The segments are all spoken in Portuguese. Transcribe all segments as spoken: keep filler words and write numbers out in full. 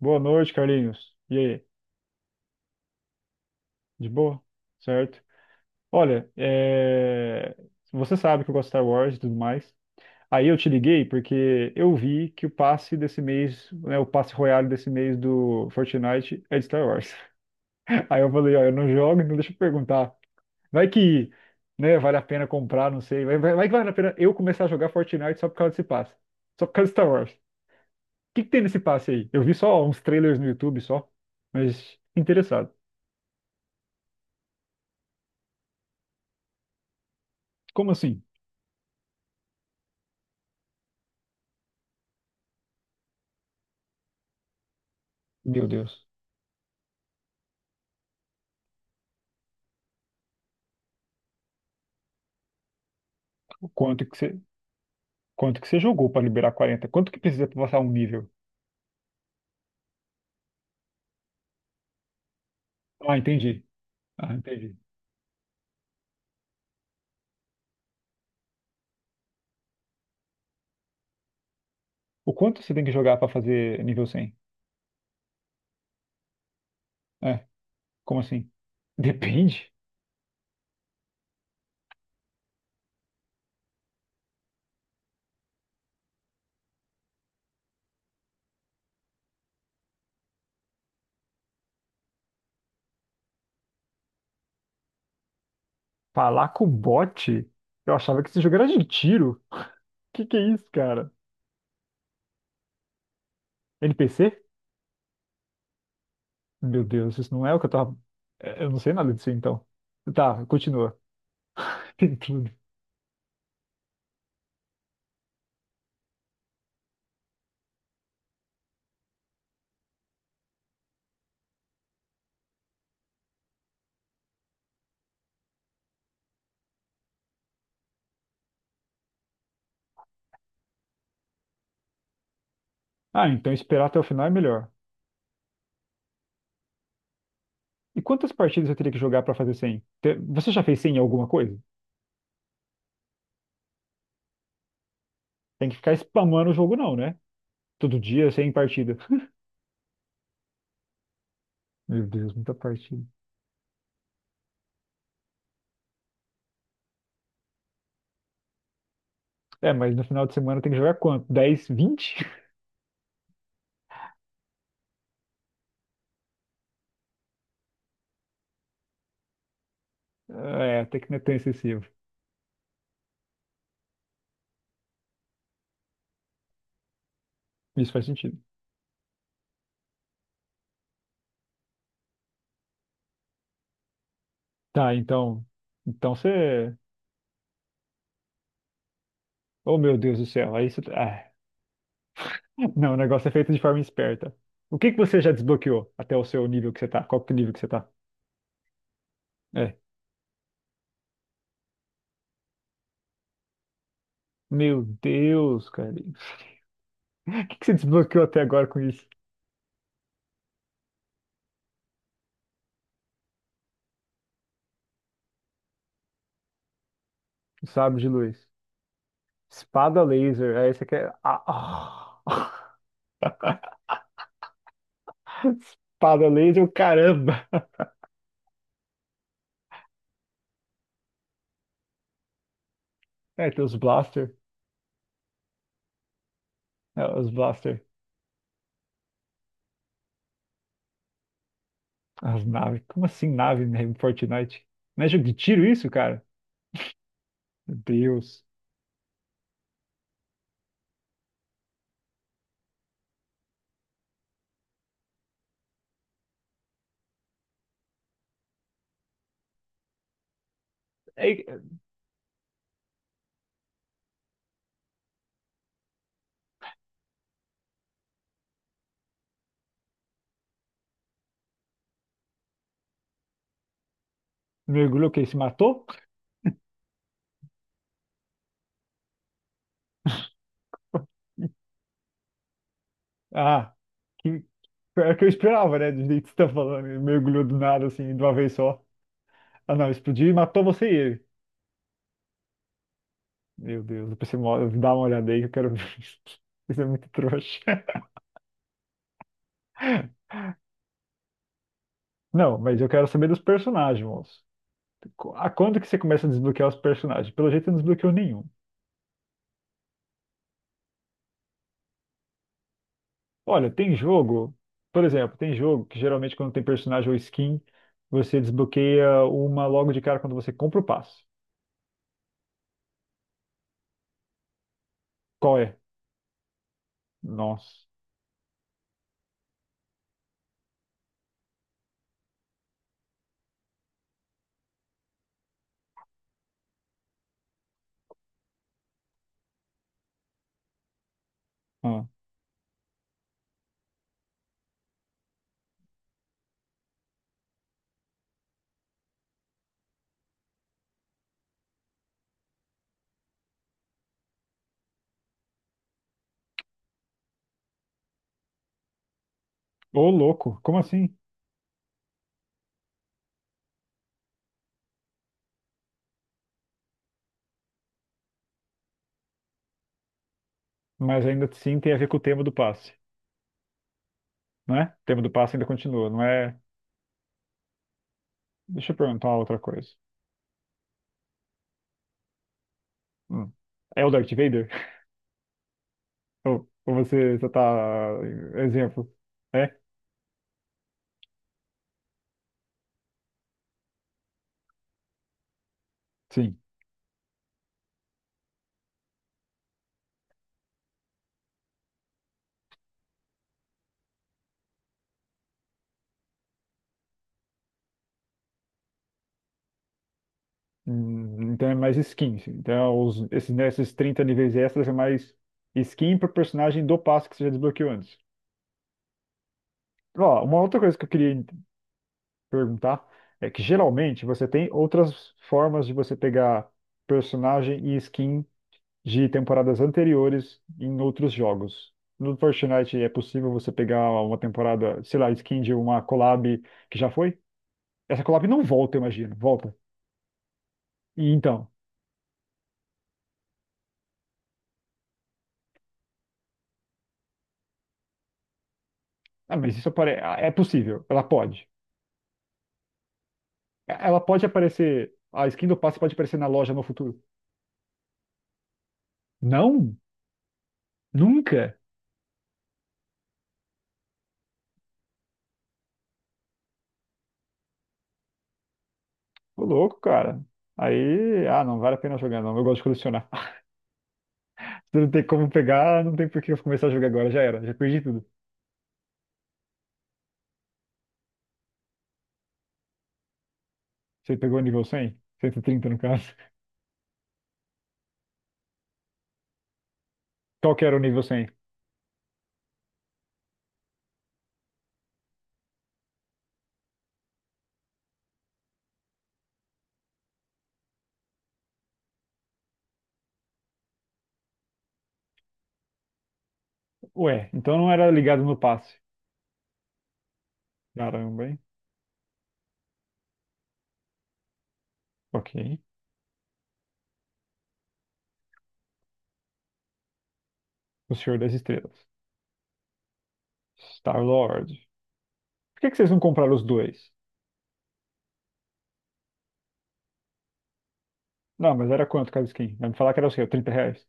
Boa noite, Carlinhos. E aí? De boa? Certo? Olha, é, você sabe que eu gosto de Star Wars e tudo mais. Aí eu te liguei porque eu vi que o passe desse mês, né, o passe Royale desse mês do Fortnite é de Star Wars. Aí eu falei, ó, eu não jogo, então deixa eu perguntar. Vai que, né, vale a pena comprar, não sei. Vai, vai, vai que vale a pena eu começar a jogar Fortnite só por causa desse passe. Só por causa de Star Wars. O que que tem nesse passe aí? Eu vi só uns trailers no YouTube só, mas interessado. Como assim? Meu Deus. Quanto que você, quanto que você jogou para liberar quarenta? Quanto que precisa para passar um nível? Ah, entendi. Ah, entendi. O quanto você tem que jogar para fazer nível cem? É, Como assim? Depende. Falar com o bot? Eu achava que esse jogo era de tiro. Que que é isso, cara? N P C? Meu Deus, isso não é o que eu tava. é, Eu não sei nada disso então. Tá, continua. Tem tudo. Ah, então esperar até o final é melhor. E quantas partidas eu teria que jogar para fazer cem? Te- Você já fez cem em alguma coisa? Tem que ficar spamando o jogo, não, né? Todo dia sem partida. Meu Deus, muita partida. É, mas no final de semana tem que jogar quanto? Dez, vinte? É, até que não é tão excessivo. Isso faz sentido. Tá, então. Então você. Oh, meu Deus do céu. Aí você. Ah. Não, o negócio é feito de forma esperta. O que que você já desbloqueou até o seu nível que você tá? Qual que é o nível que você tá? É. Meu Deus, cara. O que que você desbloqueou até agora com isso? O Sabre de luz. Espada laser. Aí você quer. Ah, ah. Espada laser, caramba! É, tem os Blaster. É, os Blaster. As naves. Como assim nave em Fortnite? Não é jogo de tiro isso, cara? Meu Deus. Ei, mergulhou o quê? Se matou? Ah, que pior que eu esperava, né? Do jeito que você tá falando. Ele mergulhou do nada, assim, de uma vez só. Ah, não, explodiu e matou você e ele. Meu Deus, depois você mo- dá uma olhada aí que eu quero ver isso. Isso é muito trouxa. Não, mas eu quero saber dos personagens, moço. Qu- A quando que você começa a desbloquear os personagens? Pelo jeito, eu não desbloqueou nenhum. Olha, tem jogo, por exemplo, tem jogo que geralmente quando tem personagem ou skin, você desbloqueia uma logo de cara quando você compra o passe. Qual é? Nossa. Ah. Ô, louco, como assim? Mas ainda assim tem a ver com o tema do passe, né? O tema do passe ainda continua, não é? Deixa eu perguntar uma outra coisa. Hum. É o Darth Vader? Ou, ou você só tá. Exemplo. É? Sim. Hum, Então é mais skin, assim. Então é os, esses, né, esses trinta níveis extras é mais skin pro personagem do passo que você já desbloqueou antes. Ó, uma outra coisa que eu queria ent- perguntar é que geralmente você tem outras formas de você pegar personagem e skin de temporadas anteriores em outros jogos. No Fortnite é possível você pegar uma temporada, sei lá, skin de uma collab que já foi? Essa collab não volta, eu imagino. Volta. E então. Ah, mas isso pare... ah, é possível. Ela pode. Ela pode aparecer. A skin do passe pode aparecer na loja no futuro. Não? Nunca? Ô louco, cara. Aí, ah, não vale a pena jogar, não. Eu gosto de colecionar. Se não tem como pegar, não tem por que eu começar a jogar agora. Já era, já perdi tudo. Você pegou o nível cem, cento e trinta no caso. Qual que era o nível cem? Ué, então não era ligado no passe. Caramba, hein? Ok. O Senhor das Estrelas. Star-Lord. Por que que vocês não compraram os dois? Não, mas era quanto cada skin? Vai me falar que era o seu, trinta reais.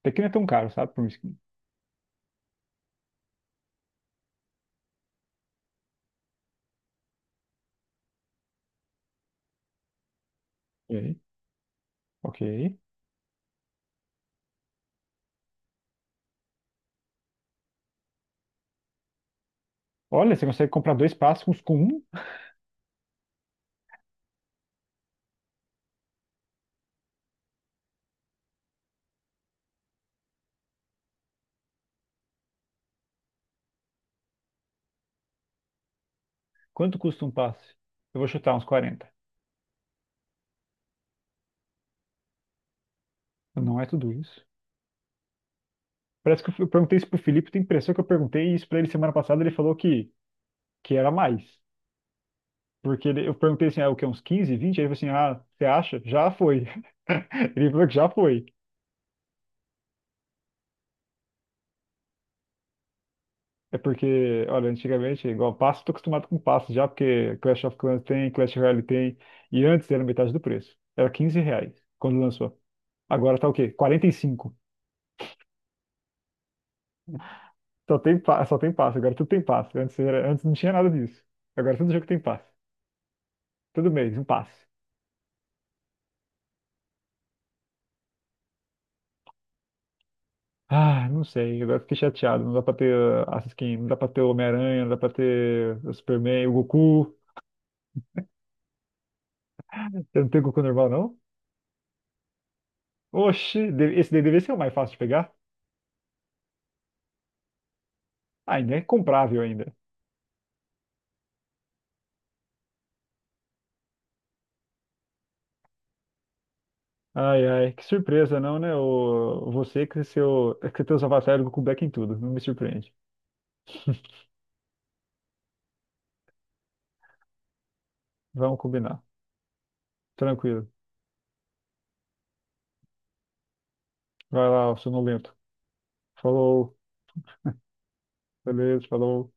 Até que não é tão caro, sabe, por um skin. Ok. Ok. Olha, você consegue comprar dois passes com um? Quanto custa um passe? Eu vou chutar uns quarenta. Não é tudo isso. Parece que eu eu perguntei isso pro Felipe, tem impressão que eu perguntei isso pra ele semana passada, ele falou que, que era mais. Porque ele- eu perguntei assim, ah, o que, uns quinze, vinte? Aí ele falou assim, ah, você acha? Já foi. Ele falou que já foi. É porque, olha, antigamente, igual passe, tô acostumado com passe já, porque Clash of Clans tem, Clash Royale tem, e antes era metade do preço. Era quinze reais quando lançou. Agora tá o quê? Quarenta e cinco. Só tem, pa- só tem passe, agora tudo tem passe. Antes, era- antes não tinha nada disso. Agora todo jogo tem passe. Todo mês, um passe. Ah, não sei, agora fiquei chateado. Não dá pra ter ah, skin, não dá pra ter o Homem-Aranha, não dá pra ter o Superman, o Goku. Você não tem o Goku normal, não? Oxi, de- esse daí deve ser o mais fácil de pegar. Ah, ainda é comprável ainda. Ai, ai, que surpresa, não, né? O, você que seu, que teus avatares do Goku Black em tudo, não me surpreende. Vamos combinar. Tranquilo. Vai lá, sonolento. Falou, beleza, falou.